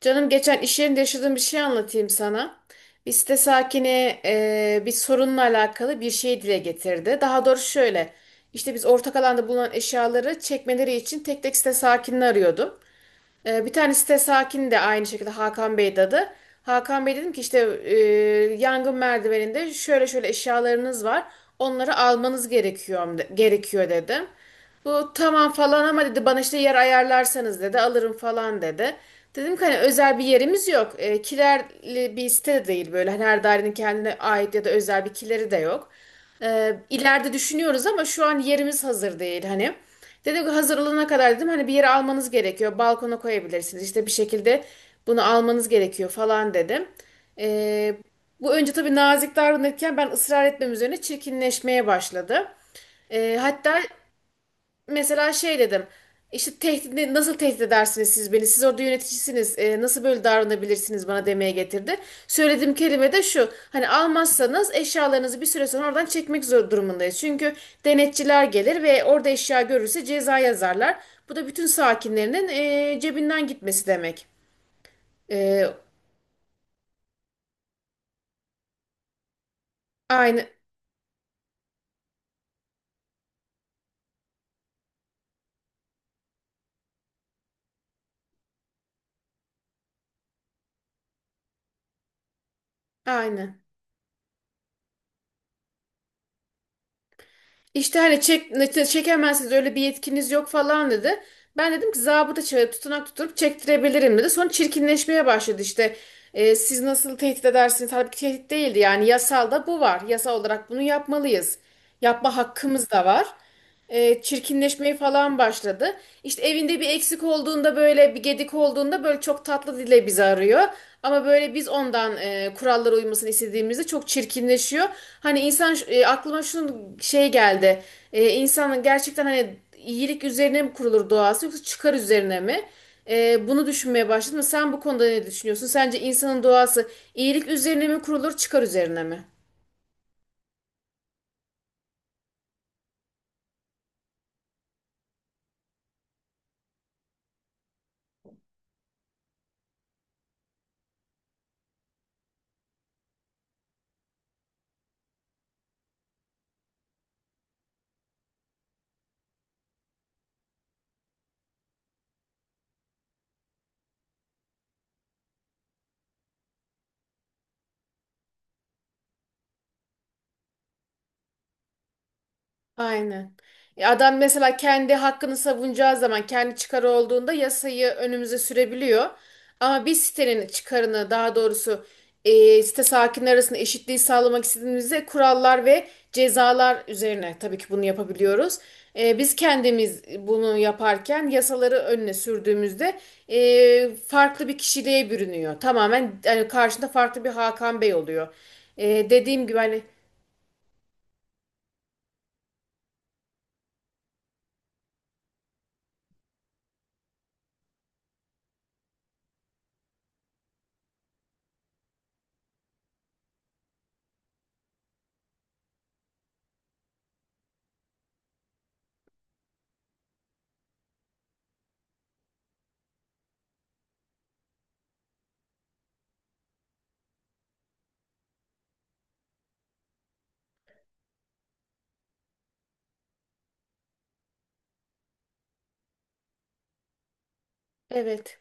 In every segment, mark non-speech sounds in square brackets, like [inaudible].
Canım geçen iş yerinde yaşadığım bir şey anlatayım sana. Bir site sakini bir sorunla alakalı bir şey dile getirdi. Daha doğrusu şöyle. İşte biz ortak alanda bulunan eşyaları çekmeleri için tek tek site sakinini arıyordum. Bir tane site sakini de aynı şekilde Hakan Bey'di adı. Hakan Bey dedim ki işte yangın merdiveninde şöyle şöyle eşyalarınız var. Onları almanız gerekiyor dedim. Bu tamam falan ama dedi bana işte yer ayarlarsanız dedi alırım falan dedi. Dedim ki hani özel bir yerimiz yok. Kilerli bir site de değil böyle. Hani her dairenin kendine ait ya da özel bir kileri de yok. İleride düşünüyoruz ama şu an yerimiz hazır değil hani. Dedi ki hazır olana kadar dedim hani bir yere almanız gerekiyor. Balkona koyabilirsiniz. İşte bir şekilde bunu almanız gerekiyor falan dedim. E, Bu önce tabii nazik davranırken ben ısrar etmem üzerine çirkinleşmeye başladı. E, hatta Mesela şey dedim. İşte tehdit, nasıl tehdit edersiniz siz beni? Siz orada yöneticisiniz. Nasıl böyle davranabilirsiniz bana demeye getirdi. Söylediğim kelime de şu. Hani almazsanız eşyalarınızı bir süre sonra oradan çekmek zor durumundayız. Çünkü denetçiler gelir ve orada eşya görürse ceza yazarlar. Bu da bütün sakinlerinin cebinden gitmesi demek. E, Aynı, aynı. İşte hani çekemezsiniz öyle bir yetkiniz yok falan dedi. Ben dedim ki zabıta çağırıp tutanak tutturup çektirebilirim dedi. Sonra çirkinleşmeye başladı işte. E, siz nasıl tehdit edersiniz? Halbuki tehdit değildi yani yasalda bu var. Yasal olarak bunu yapmalıyız. Yapma hakkımız da var, çirkinleşmeye falan başladı. İşte evinde bir eksik olduğunda böyle bir gedik olduğunda böyle çok tatlı dile bizi arıyor. Ama böyle biz ondan kurallara uymasını istediğimizde çok çirkinleşiyor. Hani insan, aklıma şunun şey geldi. İnsanın gerçekten hani iyilik üzerine mi kurulur doğası yoksa çıkar üzerine mi? Bunu düşünmeye başladım. Sen bu konuda ne düşünüyorsun? Sence insanın doğası iyilik üzerine mi kurulur, çıkar üzerine mi? Aynen. Adam mesela kendi hakkını savunacağı zaman kendi çıkarı olduğunda yasayı önümüze sürebiliyor. Ama biz sitenin çıkarını daha doğrusu site sakinleri arasında eşitliği sağlamak istediğimizde kurallar ve cezalar üzerine tabii ki bunu yapabiliyoruz. Biz kendimiz bunu yaparken yasaları önüne sürdüğümüzde farklı bir kişiliğe bürünüyor. Tamamen yani karşında farklı bir Hakan Bey oluyor. E, dediğim gibi hani evet.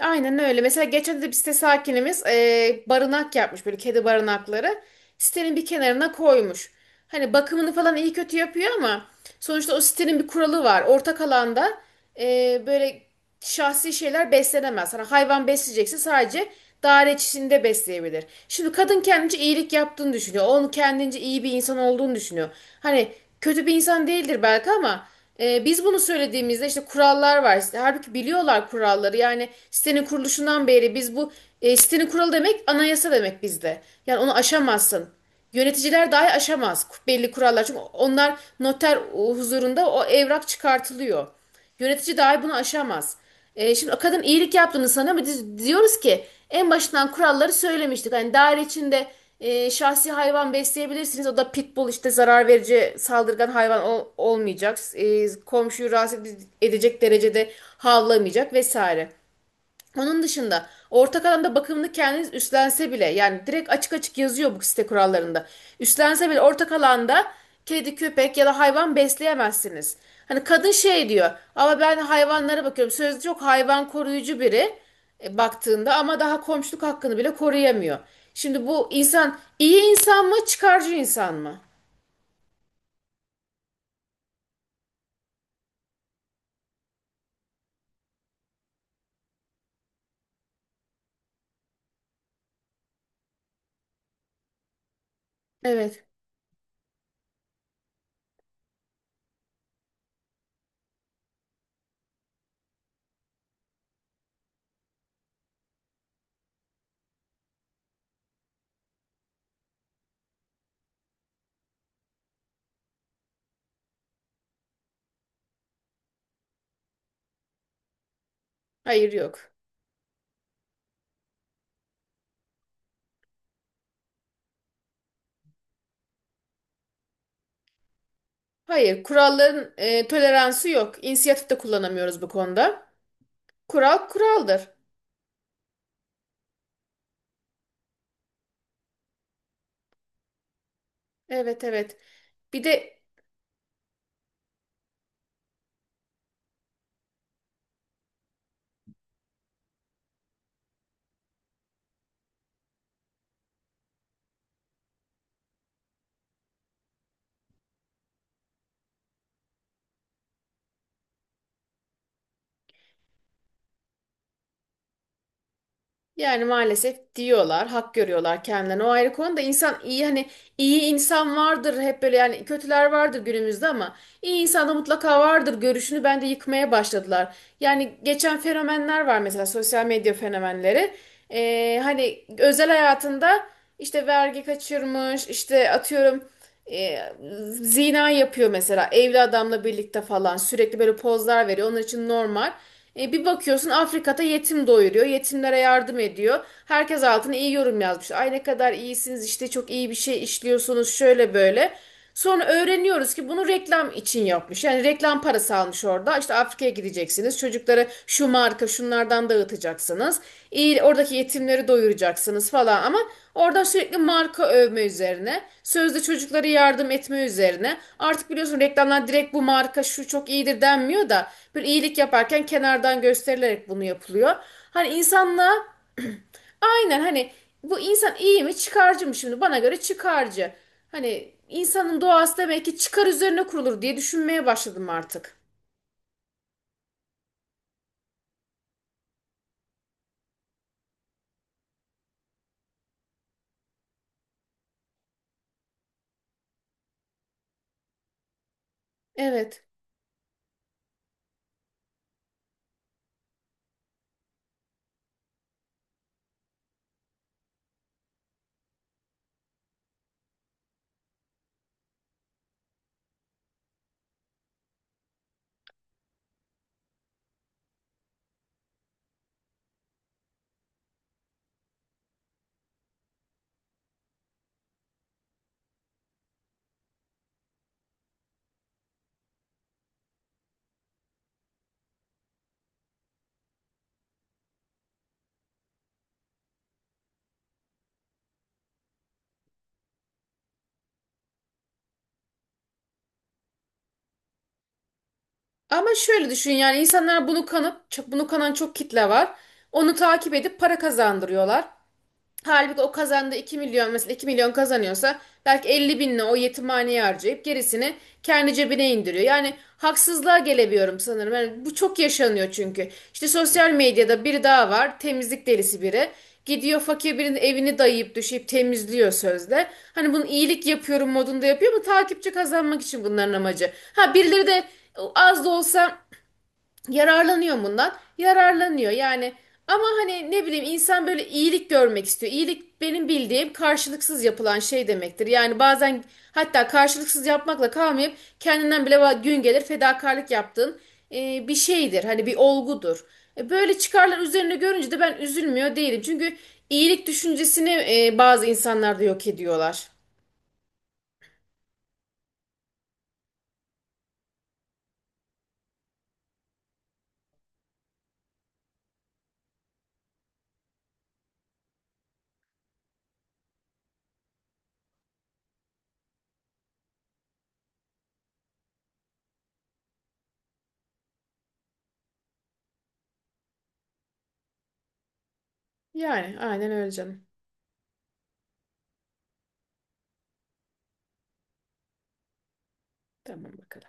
Aynen öyle. Mesela geçen de bir site sakinimiz barınak yapmış böyle kedi barınakları. Sitenin bir kenarına koymuş. Hani bakımını falan iyi kötü yapıyor ama sonuçta o sitenin bir kuralı var. Ortak alanda böyle şahsi şeyler beslenemez. Hani hayvan besleyecekse sadece daire içinde besleyebilir. Şimdi kadın kendince iyilik yaptığını düşünüyor. Onun kendince iyi bir insan olduğunu düşünüyor. Hani kötü bir insan değildir belki ama biz bunu söylediğimizde işte kurallar var. Halbuki biliyorlar kuralları. Yani sitenin kuruluşundan beri biz bu sitenin kuralı demek anayasa demek bizde. Yani onu aşamazsın. Yöneticiler dahi aşamaz belli kurallar. Çünkü onlar noter huzurunda o evrak çıkartılıyor. Yönetici dahi bunu aşamaz. Şimdi o kadın iyilik yaptığını sana mı? Biz diyoruz ki en başından kuralları söylemiştik. Hani daire içinde şahsi hayvan besleyebilirsiniz. O da pitbull işte zarar verici saldırgan hayvan olmayacak. E, komşuyu rahatsız edecek derecede havlamayacak vesaire. Onun dışında ortak alanda bakımını kendiniz üstlense bile yani direkt açık açık yazıyor bu site kurallarında. Üstlense bile ortak alanda kedi, köpek ya da hayvan besleyemezsiniz. Hani kadın şey diyor ama ben hayvanlara bakıyorum. Sözde çok hayvan koruyucu biri, baktığında ama daha komşuluk hakkını bile koruyamıyor. Şimdi bu insan iyi insan mı çıkarcı insan mı? Evet. Hayır yok. Hayır kuralların toleransı yok. İnisiyatif de kullanamıyoruz bu konuda. Kural kuraldır. Evet, evet. Bir de yani maalesef diyorlar, hak görüyorlar kendilerini. O ayrı konu da insan iyi hani iyi insan vardır hep böyle yani kötüler vardır günümüzde ama iyi insan da mutlaka vardır görüşünü bence yıkmaya başladılar. Yani geçen fenomenler var mesela sosyal medya fenomenleri. Hani özel hayatında işte vergi kaçırmış, işte atıyorum e, zina yapıyor mesela evli adamla birlikte falan sürekli böyle pozlar veriyor onun için normal. Bir bakıyorsun Afrika'da yetim doyuruyor, yetimlere yardım ediyor, herkes altına iyi yorum yazmış, ay ne kadar iyisiniz işte çok iyi bir şey işliyorsunuz şöyle böyle. Sonra öğreniyoruz ki bunu reklam için yapmış. Yani reklam parası almış orada. İşte Afrika'ya gideceksiniz. Çocuklara şu marka şunlardan dağıtacaksınız. İyi, oradaki yetimleri doyuracaksınız falan ama orada sürekli marka övme üzerine, sözde çocuklara yardım etme üzerine. Artık biliyorsun reklamlar direkt bu marka şu çok iyidir denmiyor da böyle iyilik yaparken kenardan gösterilerek bunu yapılıyor. Hani insanla [clears throat] aynen hani bu insan iyi mi çıkarcı mı şimdi? Bana göre çıkarcı. Hani insanın doğası demek ki çıkar üzerine kurulur diye düşünmeye başladım artık. Evet. Ama şöyle düşün yani insanlar bunu kanıp bunu kanan çok kitle var. Onu takip edip para kazandırıyorlar. Halbuki o kazandığı 2 milyon, mesela 2 milyon kazanıyorsa belki 50 binle o yetimhaneye harcayıp gerisini kendi cebine indiriyor. Yani haksızlığa gelebiliyorum sanırım. Yani bu çok yaşanıyor çünkü. İşte sosyal medyada biri daha var, temizlik delisi biri. Gidiyor fakir birinin evini dayayıp düşeyip temizliyor sözde. Hani bunu iyilik yapıyorum modunda yapıyor ama takipçi kazanmak için bunların amacı. Ha birileri de az da olsa yararlanıyor bundan. Yararlanıyor yani. Ama hani ne bileyim insan böyle iyilik görmek istiyor. İyilik benim bildiğim karşılıksız yapılan şey demektir. Yani bazen hatta karşılıksız yapmakla kalmayıp kendinden bile gün gelir fedakarlık yaptığın bir şeydir. Hani bir olgudur. E, böyle çıkarlar üzerine görünce de ben üzülmüyor değilim. Çünkü iyilik düşüncesini bazı insanlar da yok ediyorlar. Yani aynen öyle canım. Tamam bakalım.